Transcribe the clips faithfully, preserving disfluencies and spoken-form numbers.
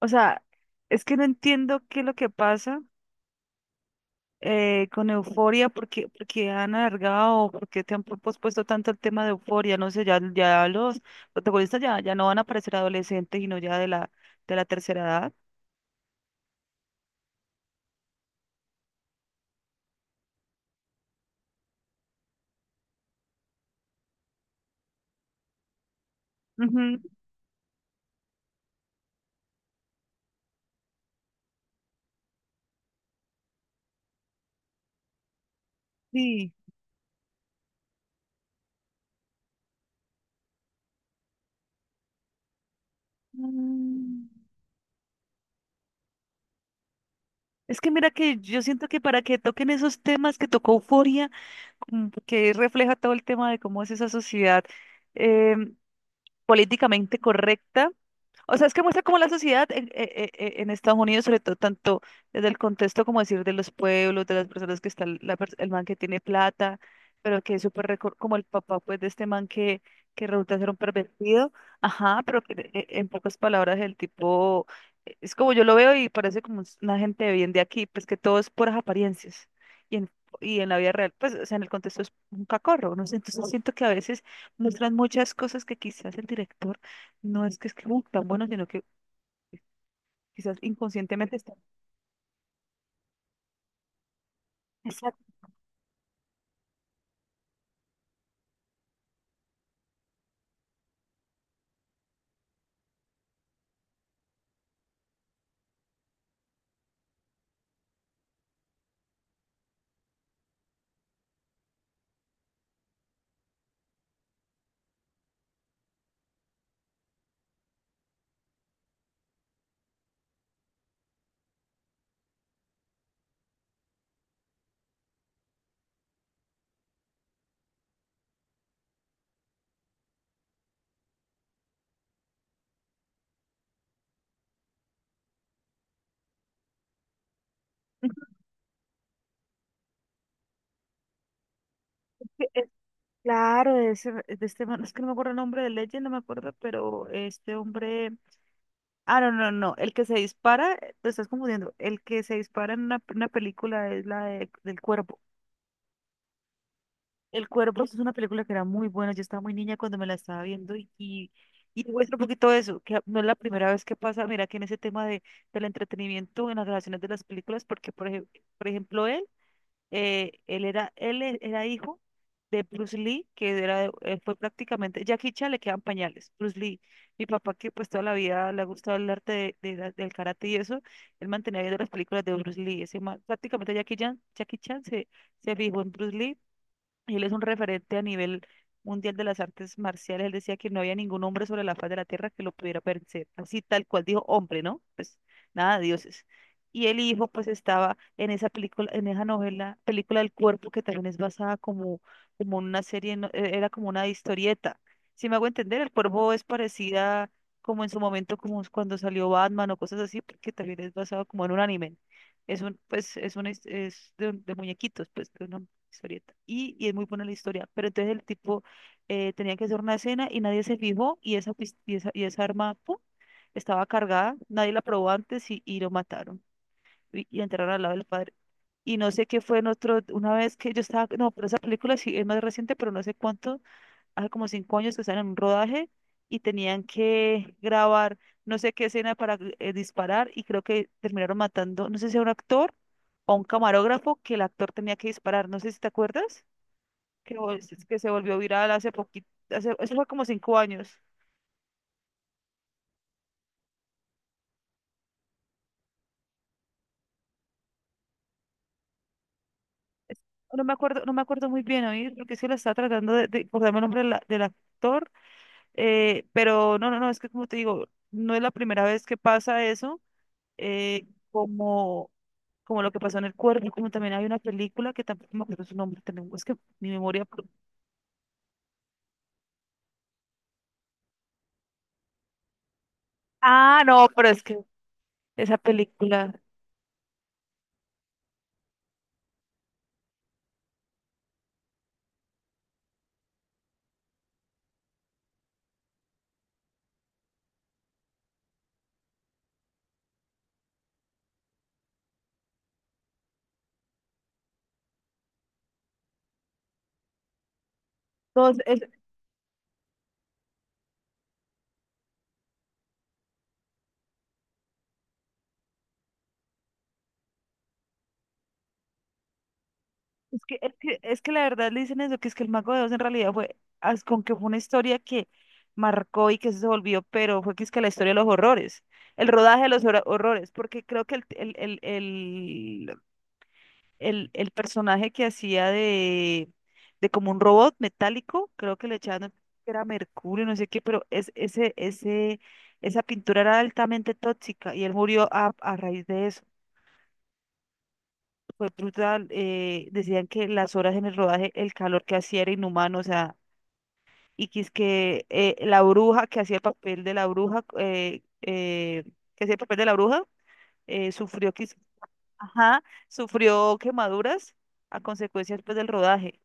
O sea, es que no entiendo qué es lo que pasa eh, con Euforia, porque, porque han alargado, porque te han pro- pospuesto tanto el tema de Euforia. No sé, ya, ya los protagonistas ya, ya no van a parecer adolescentes, sino ya de la, de la tercera edad. Ujú, sí. Mm, Es que mira que yo siento que para que toquen esos temas que tocó Euforia, mm, que refleja todo el tema de cómo es esa sociedad, em, políticamente correcta. O sea, es que muestra cómo la sociedad en, e- e- e- en Estados Unidos, sobre todo tanto desde el contexto, como decir, de los pueblos, de las personas que están, la, pers- el man que tiene plata, pero que es súper, reco- como el papá, pues, de este man que, que resulta ser un pervertido. Ajá, pero que e- e, en pocas palabras el tipo, eh, es como yo lo veo y parece como s- una gente bien de aquí, pues que todo es puras apariencias. Y en, y en la vida real, pues, o sea, en el contexto es un cacorro, ¿no? Entonces siento que a veces muestran muchas cosas que quizás el director no es que es que, uh, tan bueno, sino que quizás inconscientemente está. Exacto. Es que es- claro, de, ese, de este man, es que no me acuerdo el nombre de Legend, no me acuerdo, pero este hombre. Ah, no, no, no, el que se dispara, eh, te estás confundiendo. El que se dispara en una, una película es la de- del cuerpo. El cuerpo es una película que era muy buena, yo estaba muy niña cuando me la estaba viendo y, y, y muestra un poquito de eso, que no es la primera vez que pasa, mira que en ese tema de, del entretenimiento, en las relaciones de las películas, porque por ejemplo, por ejemplo él. Eh, él era, él e- era hijo de Bruce Lee, que era, eh, fue prácticamente, Jackie Chan le quedan pañales, Bruce Lee. Mi papá, que pues toda la vida le ha gustado el arte de, de la- del karate y eso, él mantenía viendo las películas de Bruce Lee. Ese man prácticamente Jackie Chan, Jackie Chan se, se fijó en Bruce Lee. Él es un referente a nivel mundial de las artes marciales. Él decía que no había ningún hombre sobre la faz de la tierra que lo pudiera vencer. Así tal cual dijo hombre, ¿no? Pues nada, dioses. Y el hijo pues estaba en esa película, en esa novela, película del cuerpo, que también es basada como, como una serie, no- eh, era como una historieta. Si me hago entender, el cuervo es parecida como en su momento, como es cuando salió Batman o cosas así, porque también es basado como en un anime. Es un, pues, es un, es es de, un- de muñequitos, pues, de una historieta. Y, y es muy buena la historia. Pero entonces el tipo eh, tenía que hacer una escena y nadie se fijó y esa, pis- y esa, y esa arma, ¡pum!, estaba cargada, nadie la probó antes y, y lo mataron y, y enterraron al lado del padre. Y no sé qué fue en otro, una vez que yo estaba, no, pero esa película sí es más reciente, pero no sé cuánto, hace como cinco años que están en un rodaje y tenían que grabar no sé qué escena para eh, disparar y creo que terminaron matando, no sé si a un actor o a un camarógrafo que el actor tenía que disparar. No sé si te acuerdas que, vol- que se volvió viral hace poquito, hace, eso fue como cinco años. Es- No me acuerdo, no me acuerdo muy bien, oí, porque sí la estaba tratando de, de acordarme el nombre de la- del actor. Eh, pero no, no, no, es que como te digo, no es la primera vez que pasa eso. eh, como, como, lo que pasó en el cuerpo, como también hay una película que tampoco me acuerdo su nombre, también, es que mi memoria... pro- Ah, no, pero es que esa película... Es que, es que, es que la verdad le dicen eso, que es que el Mago de Oz en realidad fue, as- con que fue una historia que marcó y que eso se volvió, pero fue que es que la historia de los horrores, el rodaje de los hora- horrores, porque creo que el, el, el, el, el, el personaje que hacía de, de como un robot metálico, creo que le echaban, que era mercurio, no sé qué, pero es, ese, ese, esa pintura era altamente tóxica y él murió a, a raíz de eso. Fue brutal. Eh, decían que las horas en el rodaje, el calor que hacía era inhumano, o sea, y que es que eh, la bruja que hacía el papel de la bruja, eh, eh, que hacía el papel de la bruja, eh, sufrió, quis- ajá, sufrió quemaduras a consecuencias, pues, del rodaje.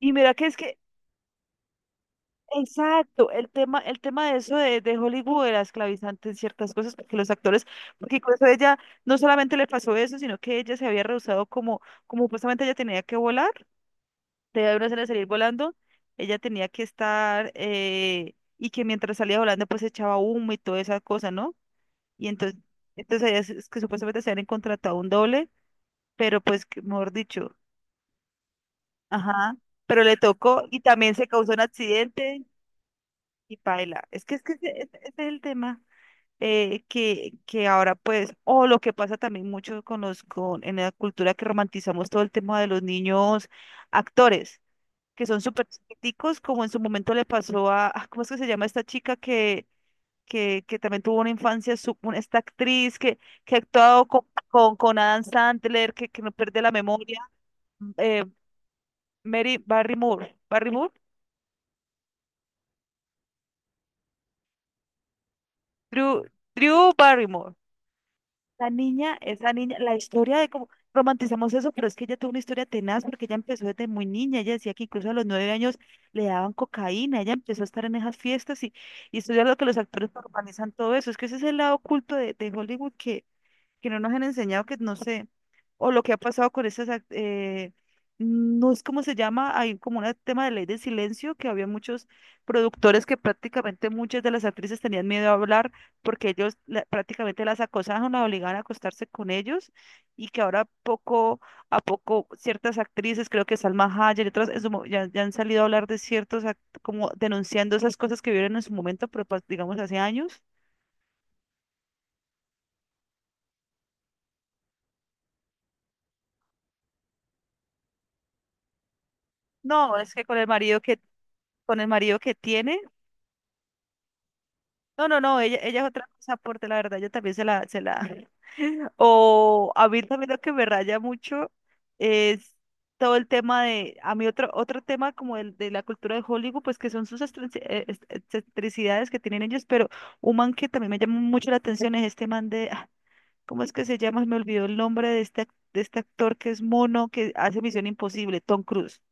Y mira que es que, exacto, el tema, el tema de eso de, de Hollywood era esclavizante en ciertas cosas, porque los actores, porque incluso ella no solamente le pasó eso, sino que ella se había rehusado como, como, justamente ella tenía que volar, de una de salir volando. Ella tenía que estar, eh, y que mientras salía volando pues echaba humo y toda esa cosa, ¿no? Y entonces, entonces ellas es que supuestamente se habían contratado un doble, pero pues, que- mejor dicho, ajá, pero le tocó y también se causó un accidente y paila. Es que es que ese, ese- ese es el tema. eh, que, que ahora pues, o lo que pasa también mucho con los, con, en la cultura que romantizamos todo el tema de los niños actores que son súper chiquiticos, como en su momento le pasó a, ah, ¿cómo es que se llama esta chica que, que, que también tuvo una infancia, su- una- esta actriz que, que ha actuado con, con, con Adam Sandler, que, que no pierde la memoria? eh, Mary Barrymore, Barrymore. Drew, Drew Barrymore. La niña, esa niña, la historia de cómo romantizamos eso, pero es que ella tuvo una historia tenaz porque ella empezó desde muy niña. Ella decía que incluso a los nueve años le daban cocaína. Ella empezó a estar en esas fiestas y, y estudiar lo que los actores organizan todo eso. Es que ese es el lado oculto de, de Hollywood, que, que no nos han enseñado, que no sé, o lo que ha pasado con esas, ac- eh, no es como se llama, hay como un tema de ley del silencio, que había muchos productores que prácticamente muchas de las actrices tenían miedo a hablar porque ellos la- prácticamente las acosaban, las obligaban a acostarse con ellos, y que ahora poco a poco ciertas actrices, creo que Salma Hayek y otras, en su mo- ya, ya han salido a hablar de ciertos, act- como denunciando esas cosas que vieron en su momento, pero pues, digamos, hace años. No, es que con el marido que con el marido que tiene. No, no, no, ella, ella es otra cosa aporte, la verdad, yo también se la, se la. O a mí también lo que me raya mucho es todo el tema de, a mí otro, otro tema como el de la cultura de Hollywood, pues que son sus extrinsi- eh, ex- excentricidades que tienen ellos. Pero un man que también me llama mucho la atención es este man de, ah, ¿cómo es que se llama? Me olvidó el nombre de este, ac- de este actor que es mono, que hace Misión Imposible, Tom Cruise.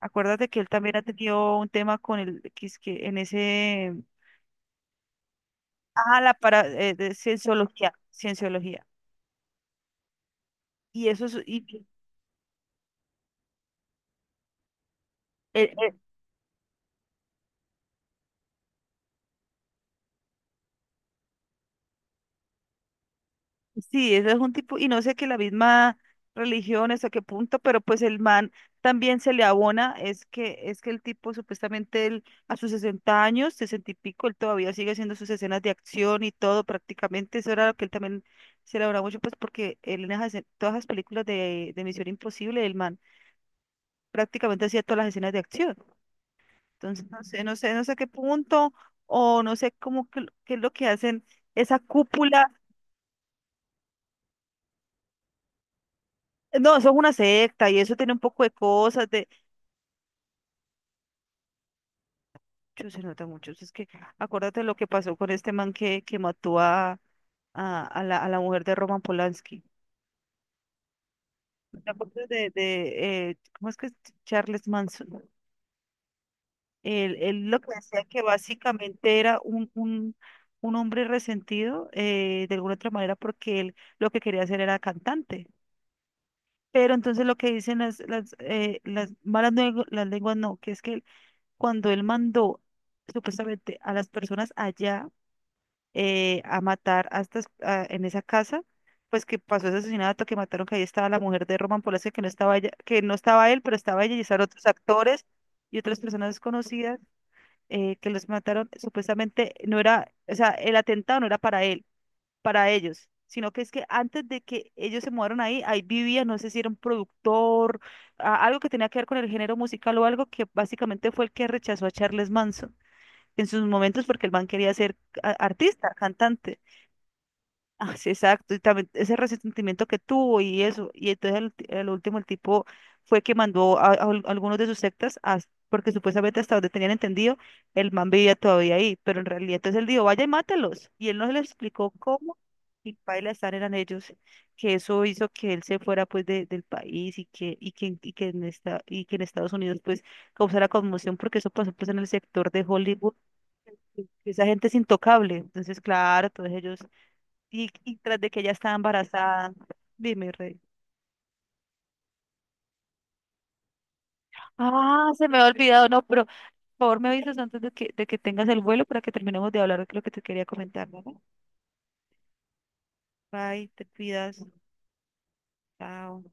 Acuérdate que él también ha tenido un tema con el, que es que en ese... Ah, la para eh, de cienciología, cienciología. Y eso es, y, y- eh, eh, sí, eso es un tipo, y no sé que la misma religión hasta qué punto, pero pues el man también se le abona, es que, es que el tipo supuestamente él, a sus sesenta años, sesenta y pico, él todavía sigue haciendo sus escenas de acción y todo prácticamente. Eso era lo que él también se le abona mucho, pues porque él en esas, todas las películas de, de Misión Imposible, el man prácticamente hacía todas las escenas de acción. Entonces, no sé, no sé, no sé qué punto, o no sé cómo, que- qué, es lo que hacen esa cúpula. No, eso es una secta y eso tiene un poco de cosas de... Yo se nota mucho, es que acuérdate lo que pasó con este man que, que mató a, a, a la, a la mujer de Roman Polanski. ¿Te acuerdas de, de eh, cómo es que es Charles Manson? Él, él lo que decía que básicamente era un, un, un hombre resentido, eh, de alguna otra manera, porque él lo que quería hacer era cantante. Pero entonces lo que dicen las, las, eh, las malas lengu- las lenguas no, que es que cuando él mandó supuestamente a las personas allá, eh, a matar a estas, a- en esa casa, pues que pasó ese asesinato, que mataron, que ahí estaba la mujer de Roman Polanski, que no estaba ella, que no estaba él, pero estaba ella y estaban otros actores y otras personas desconocidas, eh, que los mataron. Supuestamente no era, o sea, el atentado no era para él, para ellos, sino que es que antes de que ellos se mudaron ahí, ahí vivía, no sé si era un productor, a- algo que tenía que ver con el género musical o algo, que básicamente fue el que rechazó a Charles Manson en sus momentos porque el man quería ser a- artista, cantante. Ah, sí, exacto, y también ese resentimiento que tuvo y eso. Y entonces el, el último, el tipo fue que mandó a, a al- algunos de sus sectas, a- porque supuestamente hasta donde tenían entendido, el man vivía todavía ahí, pero en realidad entonces él dijo, vaya y mátelos, y él no se le explicó cómo, y paila estar eran ellos, que eso hizo que él se fuera pues de- del país, y que, y que, y que en esta, y que en Estados Unidos pues causara conmoción, porque eso pasó pues en el sector de Hollywood, que esa gente es intocable. Entonces claro, todos ellos, y, y tras de que ella estaba embarazada. Dime, Rey. Ah, se me ha olvidado, no, pero por favor me avisas antes de que, de que tengas el vuelo para que terminemos de hablar de lo que te quería comentar, ¿no? Bye, te cuidas. Chao.